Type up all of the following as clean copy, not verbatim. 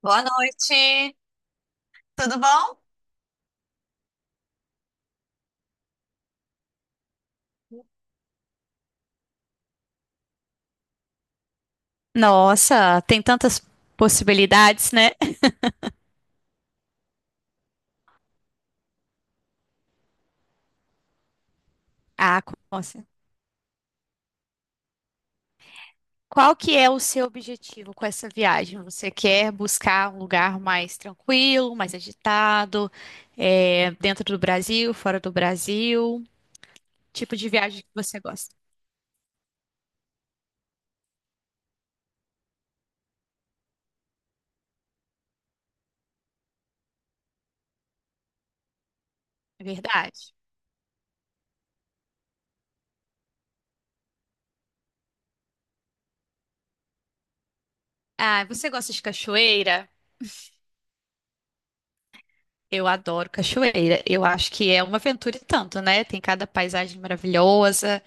Boa noite, tudo bom? Nossa, tem tantas possibilidades, né? Ah, nossa. Qual que é o seu objetivo com essa viagem? Você quer buscar um lugar mais tranquilo, mais agitado, dentro do Brasil, fora do Brasil? Tipo de viagem que você gosta? É verdade. Ah, você gosta de cachoeira? Eu adoro cachoeira. Eu acho que é uma aventura e tanto, né? Tem cada paisagem maravilhosa.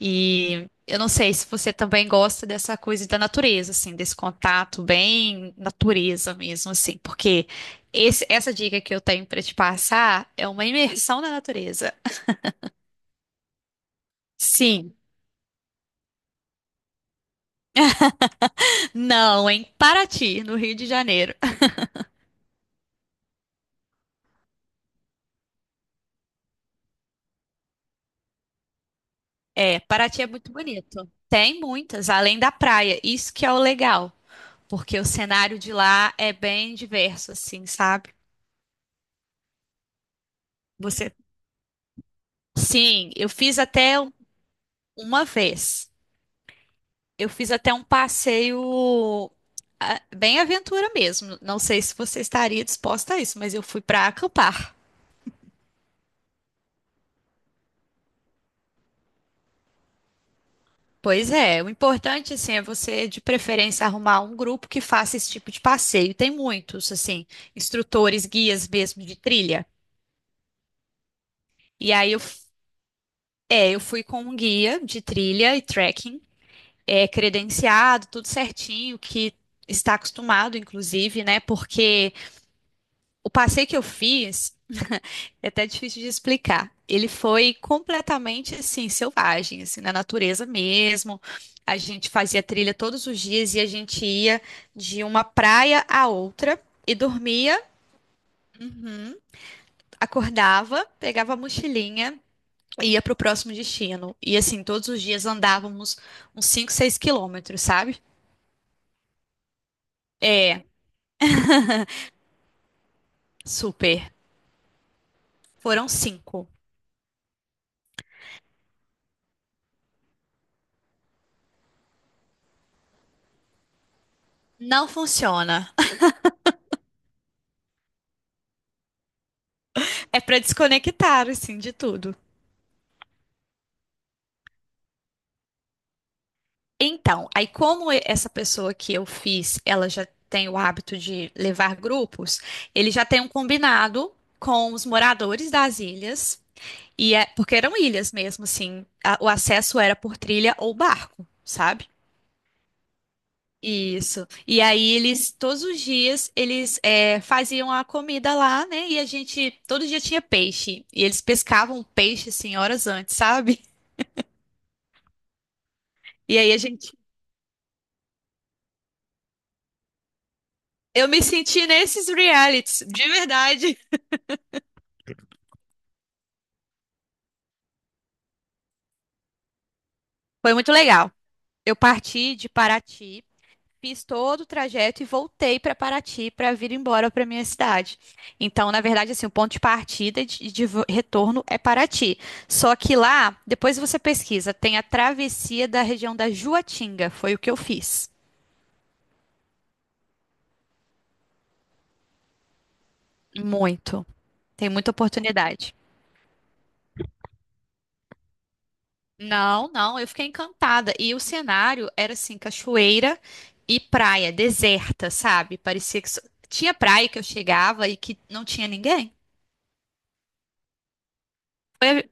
E eu não sei se você também gosta dessa coisa da natureza, assim, desse contato bem natureza mesmo, assim, porque essa dica que eu tenho pra te passar é uma imersão na natureza. Sim, não, em Paraty, no Rio de Janeiro. É, Paraty é muito bonito. Tem muitas, além da praia. Isso que é o legal, porque o cenário de lá é bem diverso, assim, sabe? Você, sim, eu fiz até um- uma vez. Eu fiz até um passeio bem aventura mesmo. Não sei se você estaria disposta a isso, mas eu fui para acampar. Pois é, o importante assim é você de preferência arrumar um grupo que faça esse tipo de passeio. Tem muitos assim, instrutores, guias mesmo de trilha. E aí eu fui com um guia de trilha e trekking, é credenciado, tudo certinho, que está acostumado inclusive, né? Porque o passeio que eu fiz é até difícil de explicar. Ele foi completamente assim, selvagem, assim, na natureza mesmo. A gente fazia trilha todos os dias e a gente ia de uma praia à outra e dormia, uhum, acordava, pegava a mochilinha e ia para o próximo destino. E assim, todos os dias andávamos uns 5, 6 quilômetros, sabe? É, super. Foram cinco. Não funciona. É para desconectar, assim, de tudo. Então, aí essa pessoa que eu fiz, ela já tem o hábito de levar grupos, ele já tem um combinado com os moradores das ilhas, e porque eram ilhas mesmo, assim, o acesso era por trilha ou barco, sabe? Isso. E aí eles, todos os dias, eles faziam a comida lá, né? E a gente, todo dia tinha peixe. E eles pescavam peixe, assim, horas antes, sabe? E aí a gente, eu me senti nesses realities, de verdade. Foi muito legal. Eu parti de Paraty, fiz todo o trajeto e voltei para Paraty para vir embora para minha cidade. Então, na verdade, assim, o ponto de partida e de retorno é Paraty. Só que lá, depois você pesquisa, tem a travessia da região da Juatinga. Foi o que eu fiz. Muito. Tem muita oportunidade. Não, não, eu fiquei encantada. E o cenário era assim, cachoeira e praia, deserta, sabe? Tinha praia que eu chegava e que não tinha ninguém. Foi-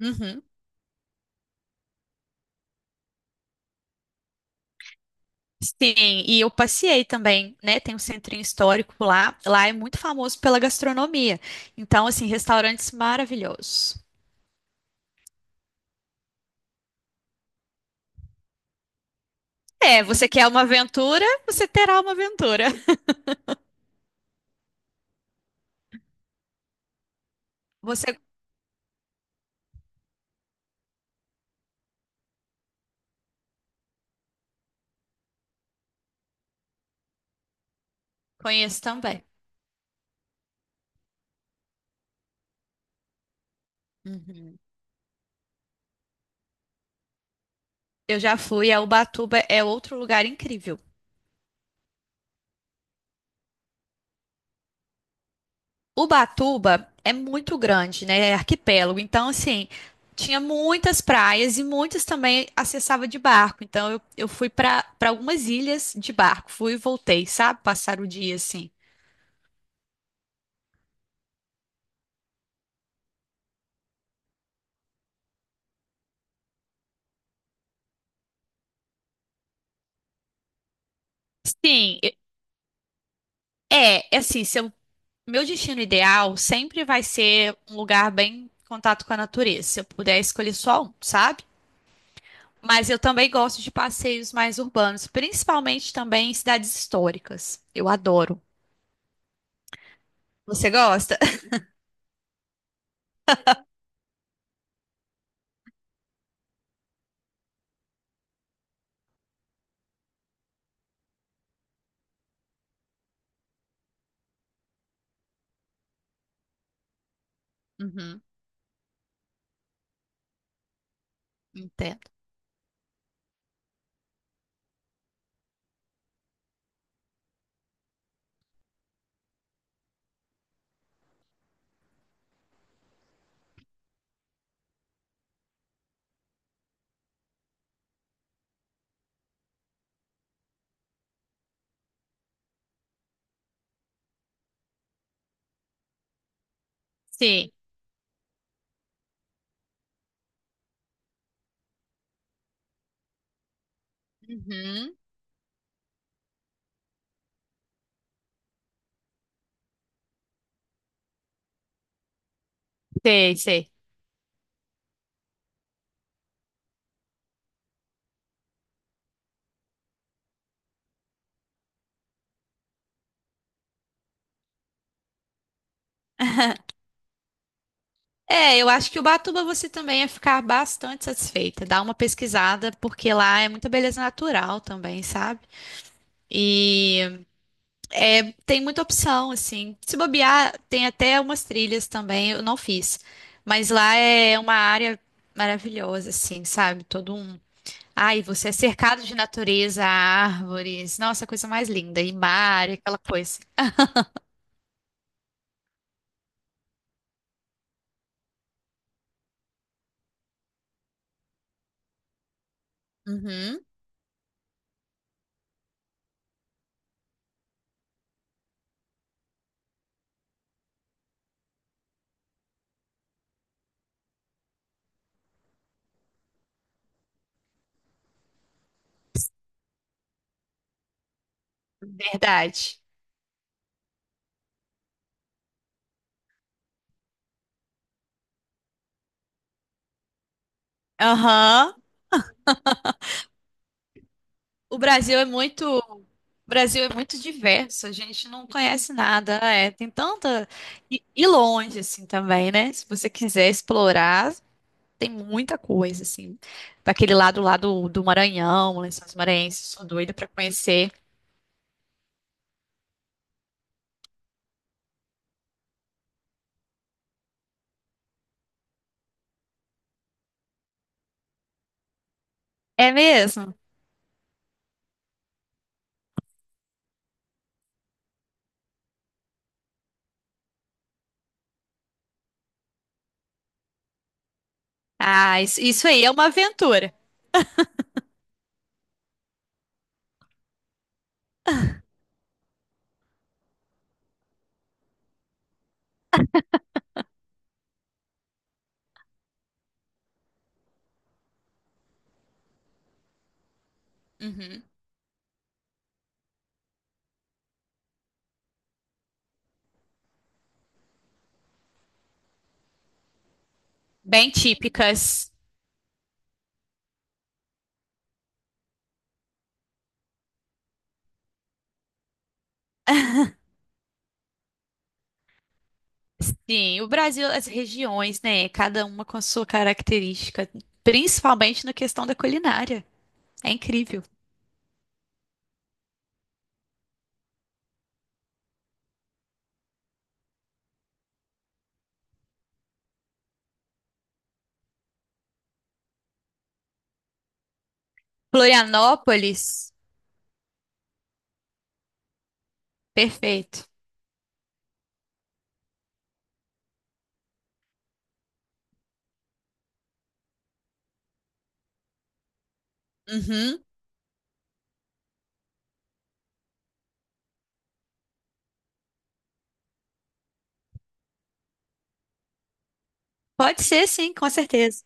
Uhum. Sim, e eu passeei também, né? Tem um centrinho histórico lá. Lá é muito famoso pela gastronomia. Então, assim, restaurantes maravilhosos. É, você quer uma aventura? Você terá uma aventura. Você conhece também. Uhum. Eu já fui, a Ubatuba é outro lugar incrível. Ubatuba é muito grande, né? É arquipélago. Então, assim, tinha muitas praias e muitas também acessava de barco. Então, eu fui para algumas ilhas de barco. Fui e voltei, sabe? Passar o dia assim. Sim, é assim, meu destino ideal sempre vai ser um lugar bem em contato com a natureza, se eu puder escolher só um, sabe? Mas eu também gosto de passeios mais urbanos, principalmente também em cidades históricas. Eu adoro. Você gosta? Uhum, entendo. Sim, uhum, sei, sei. É, eu acho que Ubatuba você também ia ficar bastante satisfeita. Dá uma pesquisada, porque lá é muita beleza natural também, sabe? E tem muita opção, assim. Se bobear, tem até umas trilhas também, eu não fiz. Mas lá é uma área maravilhosa, assim, sabe? Todo um. Ai, você é cercado de natureza, árvores. Nossa, coisa mais linda. E mar, e aquela coisa. Uhum. Verdade. Aham. O Brasil é muito diverso, a gente não conhece nada, é, tem tanta e longe assim também, né? Se você quiser explorar, tem muita coisa assim. Pra aquele lado lá do Maranhão, Lençóis Maranhenses, sou doida para conhecer. É mesmo? Ah, isso aí é uma aventura. Uhum. Bem típicas. Sim, o Brasil, as regiões, né? Cada uma com a sua característica, principalmente na questão da culinária. É incrível. Florianópolis? Perfeito. Uhum. Pode ser, sim, com certeza.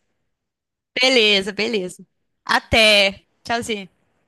Beleza, beleza. Até. Tchauzinho.